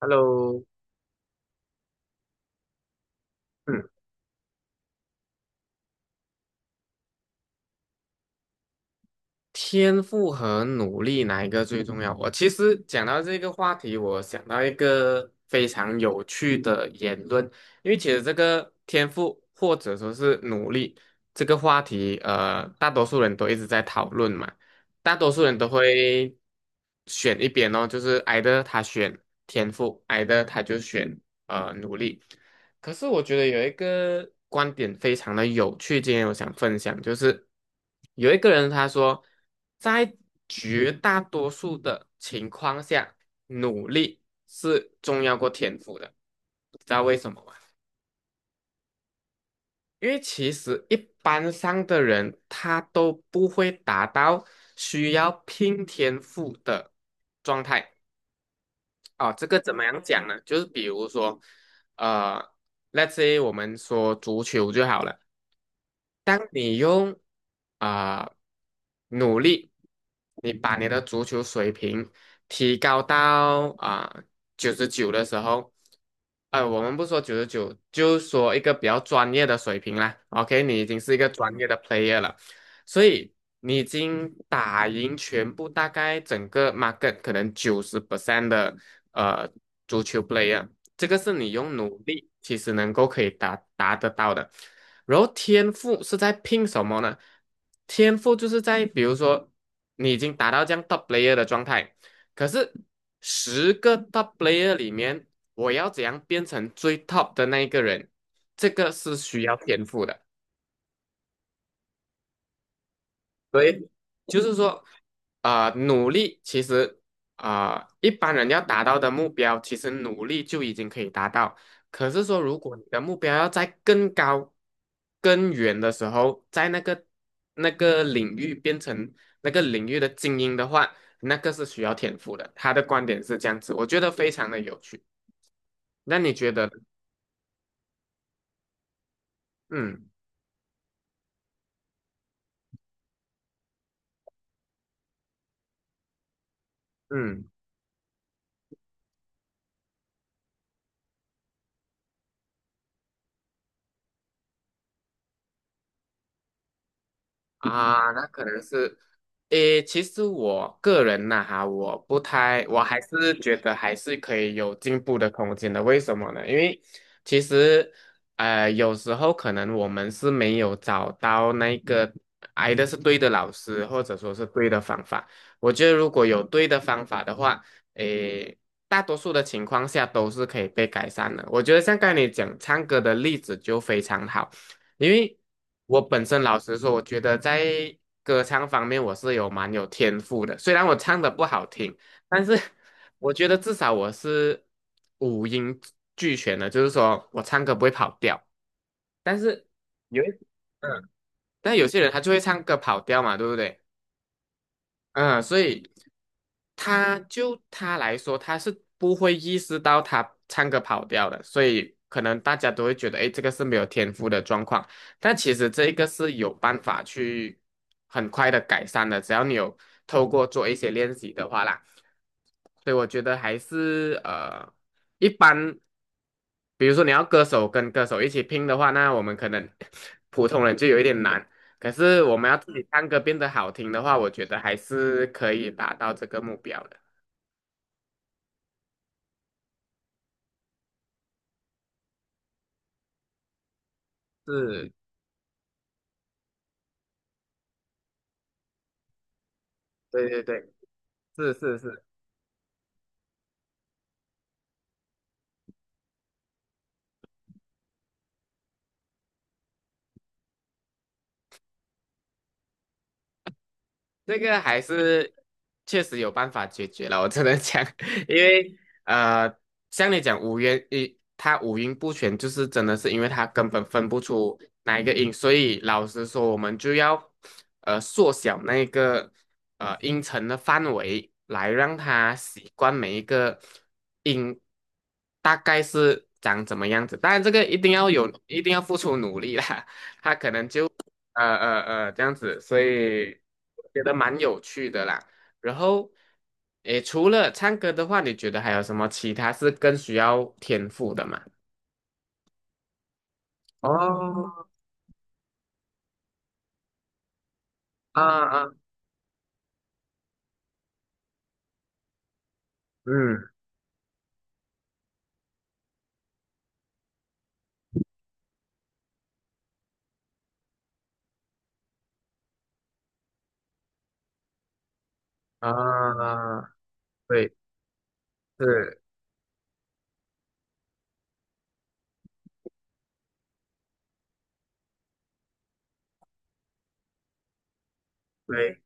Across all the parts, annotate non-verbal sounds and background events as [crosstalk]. Hello，嗯，天赋和努力哪一个最重要？我其实讲到这个话题，我想到一个非常有趣的言论，因为其实这个天赋或者说是努力这个话题，大多数人都一直在讨论嘛，大多数人都会选一边哦，就是 either 他选天赋，either 他就选努力。可是我觉得有一个观点非常的有趣，今天我想分享，就是有一个人他说，在绝大多数的情况下，努力是重要过天赋的，知道为什么吗？因为其实一般上的人他都不会达到需要拼天赋的状态哦。这个怎么样讲呢？就是比如说，呃，let's say 我们说足球就好了。当你用啊、努力，你把你的足球水平提高到九十九的时候，我们不说九十九，就说一个比较专业的水平啦。OK，你已经是一个专业的 player 了，所以你已经打赢全部大概整个 market 可能九十 percent 的呃足球 player。这个是你用努力其实能够可以达得到的。然后天赋是在拼什么呢？天赋就是在比如说你已经达到这样 top player 的状态，可是10个 top player 里面，我要怎样变成最 top 的那一个人？这个是需要天赋的。对，就是说，努力其实，一般人要达到的目标，其实努力就已经可以达到。可是说，如果你的目标要在更高、更远的时候，在那个领域变成那个领域的精英的话，那个是需要天赋的。他的观点是这样子，我觉得非常的有趣。那你觉得呢？嗯嗯，啊，那可能是。诶，其实我个人呐、哈，我不太，我还是觉得还是可以有进步的空间的。为什么呢？因为其实，有时候可能我们是没有找到那个挨的是对的老师，或者说是对的方法。我觉得如果有对的方法的话，诶，大多数的情况下都是可以被改善的。我觉得像刚才你讲唱歌的例子就非常好。因为我本身老实说，我觉得在歌唱方面我是有蛮有天赋的。虽然我唱的不好听，但是我觉得至少我是五音俱全的，就是说我唱歌不会跑调。但是有一，嗯，但有些人他就会唱歌跑调嘛，对不对？嗯，所以他来说，他是不会意识到他唱歌跑调的，所以可能大家都会觉得，哎，这个是没有天赋的状况。但其实这一个是有办法去很快的改善的，只要你有透过做一些练习的话啦。所以我觉得还是一般，比如说你要歌手跟歌手一起拼的话，那我们可能 [laughs] 普通人就有一点难。可是我们要自己唱歌变得好听的话，我觉得还是可以达到这个目标的。是，对对对，是是是。这个还是确实有办法解决了，我只能讲，[laughs] 因为呃，像你讲五音一，他五音不全，就是真的是因为他根本分不出哪一个音，所以老实说，我们就要缩小那个音程的范围，来让他习惯每一个音大概是长怎么样子。当然，这个一定要有，一定要付出努力啦。这样子，所以我觉得蛮有趣的啦。然后，诶，除了唱歌的话，你觉得还有什么其他是更需要天赋的吗？哦，啊啊，嗯啊，对，是，对，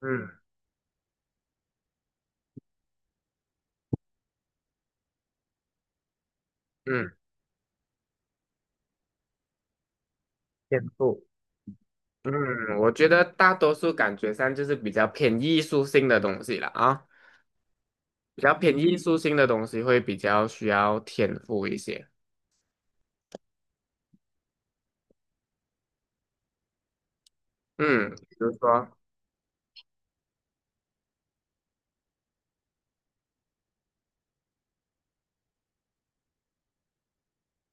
嗯嗯，天赋，嗯，我觉得大多数感觉上就是比较偏艺术性的东西了啊，比较偏艺术性的东西会比较需要天赋一些。嗯，比如说，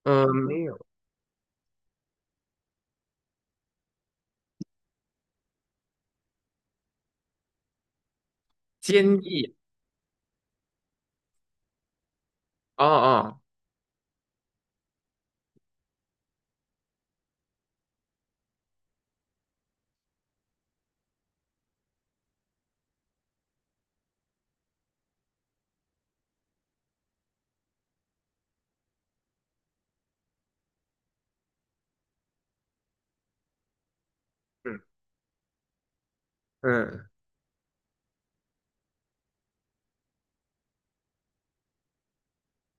嗯，没有建议。哦哦，嗯，嗯，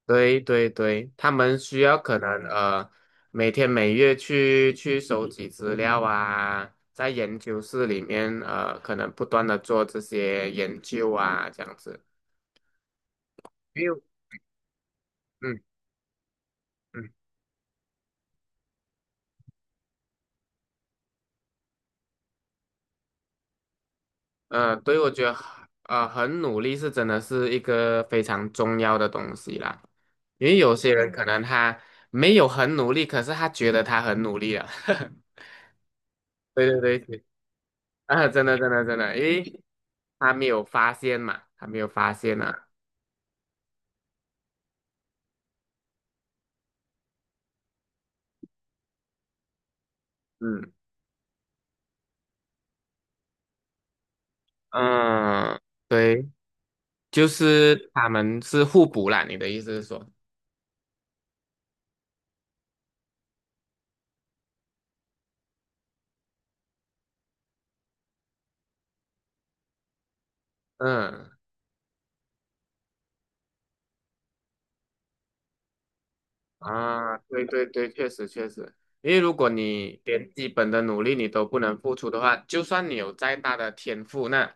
对对对，他们需要可能每天每月去收集资料啊，在研究室里面可能不断的做这些研究啊，这样子。没有，嗯嗯，对，我觉得很努力是真的是一个非常重要的东西啦，因为有些人可能他没有很努力，可是他觉得他很努力了。[laughs] 对对对，[laughs] 啊，真的真的真的，因为他没有发现嘛，他没有发现啊，嗯嗯，对，就是他们是互补啦，你的意思是说，嗯啊，对对对，确实确实，因为如果你连基本的努力你都不能付出的话，就算你有再大的天赋，那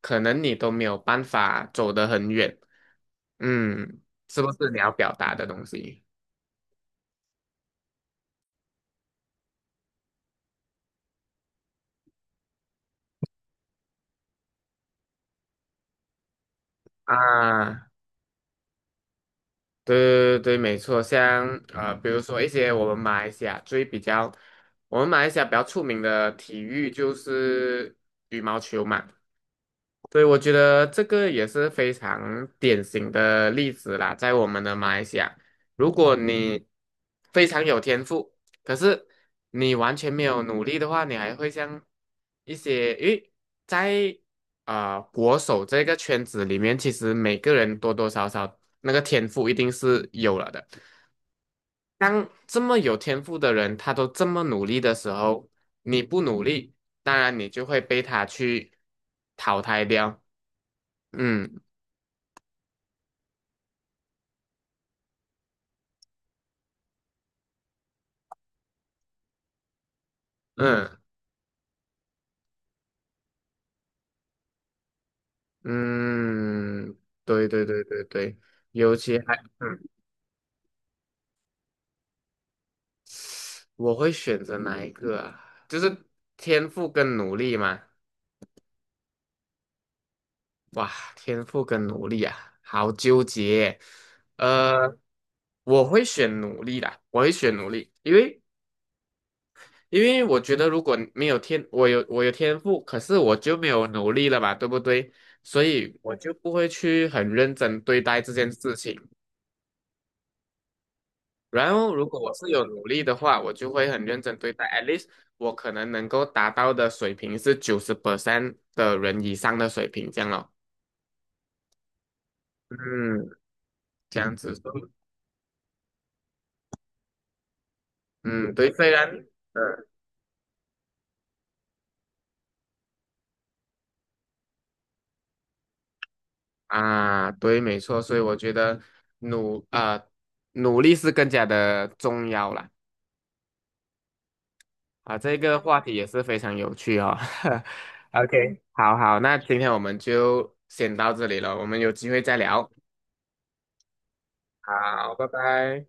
可能你都没有办法走得很远，嗯，是不是你要表达的东西啊？对对对，没错，像比如说一些我们马来西亚最比较，我们马来西亚比较出名的体育就是羽毛球嘛。对，我觉得这个也是非常典型的例子啦，在我们的马来西亚，如果你非常有天赋，可是你完全没有努力的话，你还会像一些，因为在国手这个圈子里面，其实每个人多多少少那个天赋一定是有了的。当这么有天赋的人，他都这么努力的时候，你不努力，当然你就会被他去淘汰掉。嗯。嗯嗯，对对对对对，尤其还，我会选择哪一个啊？就是天赋跟努力嘛。哇，天赋跟努力啊，好纠结。呃，我会选努力啦，我会选努力，因为我觉得如果没有天，我有天赋，可是我就没有努力了嘛，对不对？所以我就不会去很认真对待这件事情。然后，如果我是有努力的话，我就会很认真对待。at least 我可能能够达到的水平是九十 percent 的人以上的水平，这样咯。嗯，这样子说嗯，对，虽然，呃啊，对，没错，所以我觉得努啊、努力是更加的重要啦。啊，这个话题也是非常有趣哦。[laughs] OK，好好，那今天我们就先到这里了，我们有机会再聊。好，拜拜。